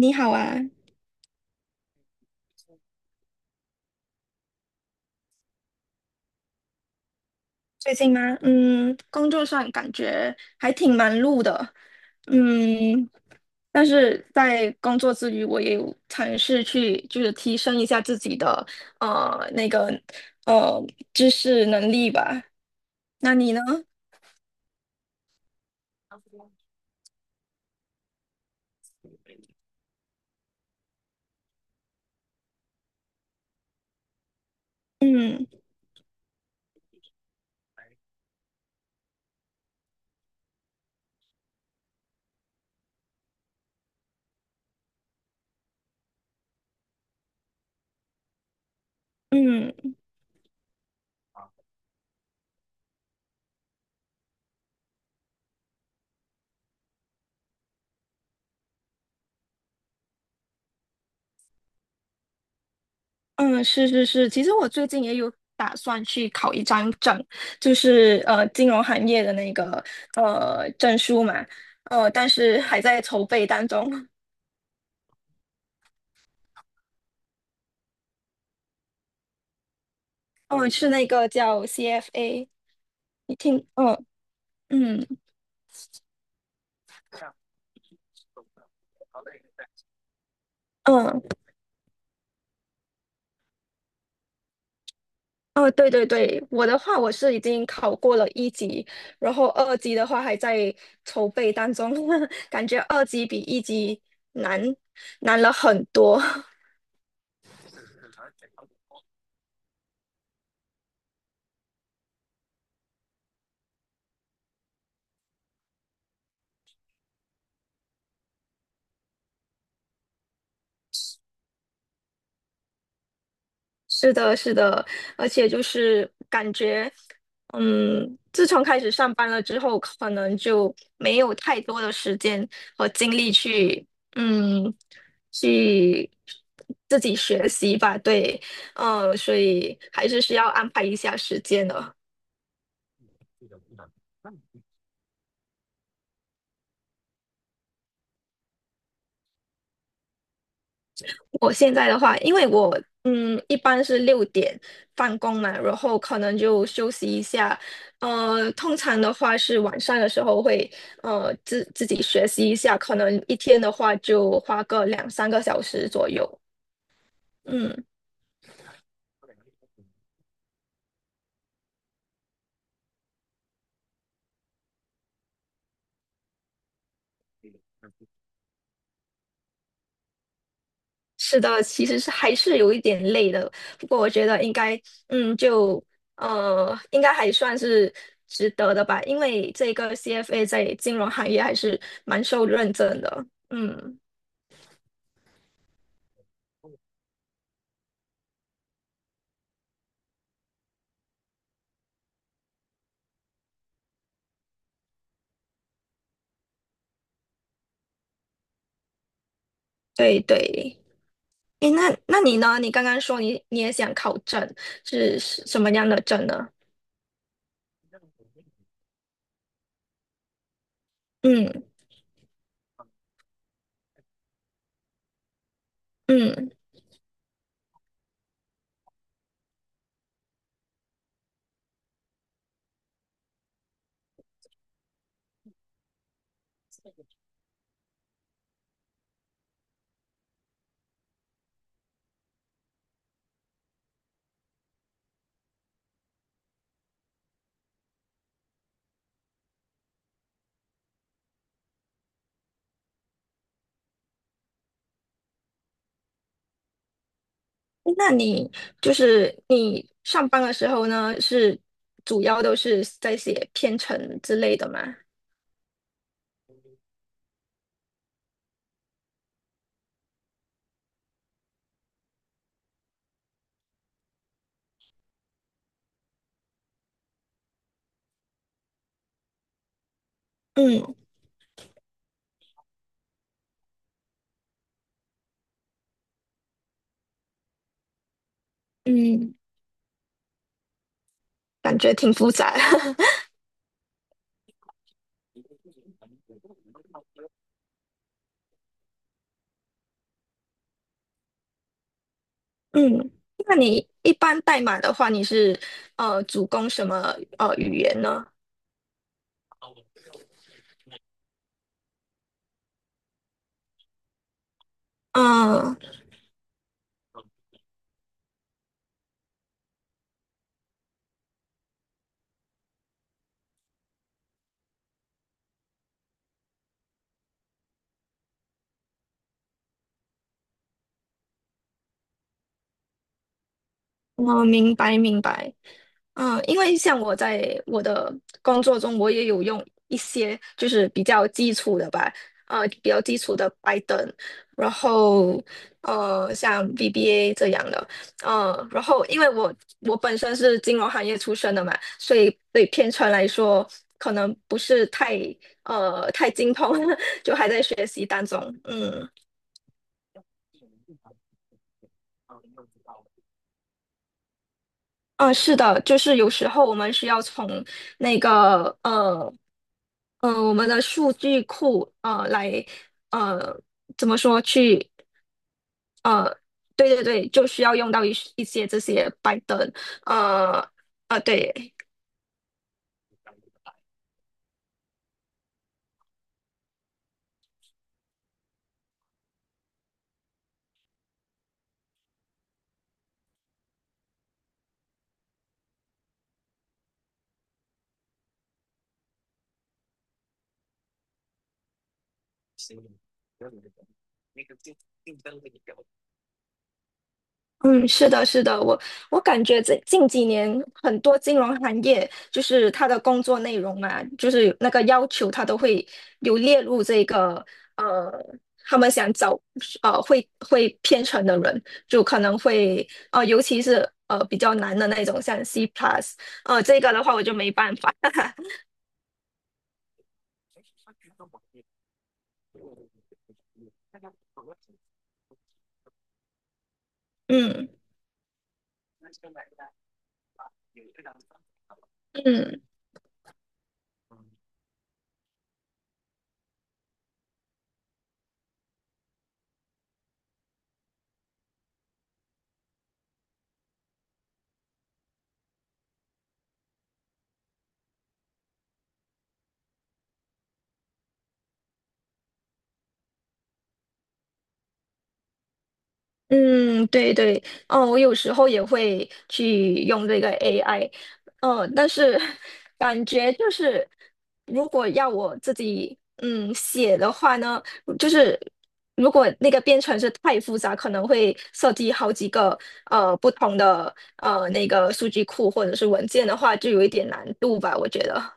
你好啊，最近吗？嗯，工作上感觉还挺忙碌的。嗯，但是在工作之余，我也有尝试去就是提升一下自己的那个呃知识能力吧。那你呢？嗯嗯嗯，是是是，其实我最近也有打算去考一张证，就是金融行业的那个证书嘛，但是还在筹备当中。哦，是那个叫 CFA，你听，嗯嗯嗯，哦，对对对，我的话我是已经考过了一级，然后二级的话还在筹备当中。感觉二级比一级难难了很多。是的，是的，而且就是感觉，自从开始上班了之后，可能就没有太多的时间和精力嗯，去自己学习吧。对，所以还是需要安排一下时间的。我现在的话，因为我一般是6点放工嘛，然后可能就休息一下。通常的话是晚上的时候会自己学习一下，可能一天的话就花个两三个小时左右。嗯，是的，其实是还是有一点累的，不过我觉得嗯就应该还算是值得的吧，因为这个 CFA 在金融行业还是蛮受认证的。嗯，对对。诶，那你呢？你刚刚说你也想考证，是什么样的证呢？嗯嗯，诶那你就是你上班的时候呢，是主要都是在写编程之类的吗？嗯嗯，感觉挺复杂。嗯，那你一般代码的话，你是主攻什么语言呢？嗯嗯，明白明白。嗯，因为像我在我的工作中，我也有用一些就是比较基础的吧，比较基础的 p y t h n, 然后像 VBA 这样的，然后因为我本身是金融行业出身的嘛，所以对编程来说可能不是太精通，就还在学习当中。嗯嗯，是的，就是有时候我们需要从那个我们的数据库来呃怎么说去呃对对对，就需要用到一些这些 p y 呃对。嗯，是的，是的，我感觉这近几年很多金融行业，就是他的工作内容啊，就是那个要求，他都会有列入这个呃，他们想找会编程的人，就可能会尤其是比较难的那种，像 C plus,这个的话我就没办法。嗯嗯。嗯，对对，哦，我有时候也会去用这个 AI,嗯，哦但是 感觉就是，如果要我自己写的话呢，就是如果那个编程是太复杂，可能会设计好几个不同的那个数据库或者是文件的话，就有一点难度吧，我觉得。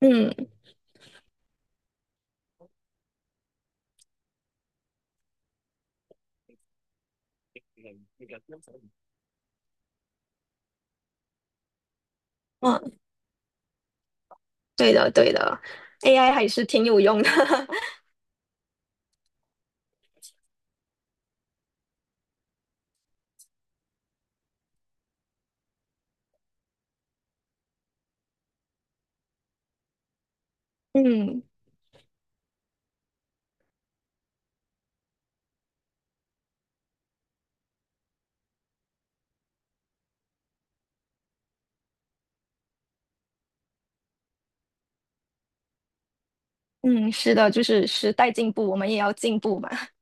嗯嗯，对的对的，AI 还是挺有用的，嗯。嗯，是的，就是时代进步，我们也要进步嘛。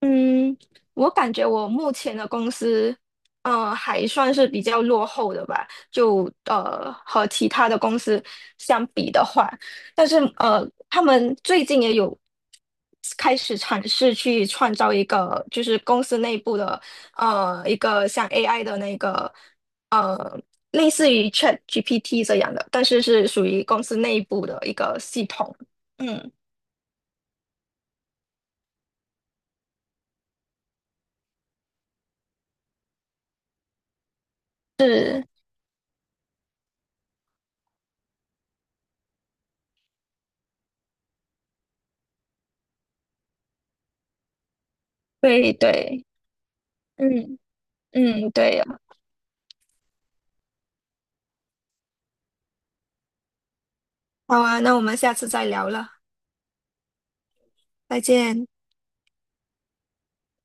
嗯，我感觉我目前的公司，还算是比较落后的吧，就和其他的公司相比的话，但是他们最近也有开始尝试去创造一个，就是公司内部的一个像 AI 的那个呃类似于 ChatGPT 这样的，但是是属于公司内部的一个系统。嗯。是，对对，嗯嗯，对呀，好啊，那我们下次再聊了，再见。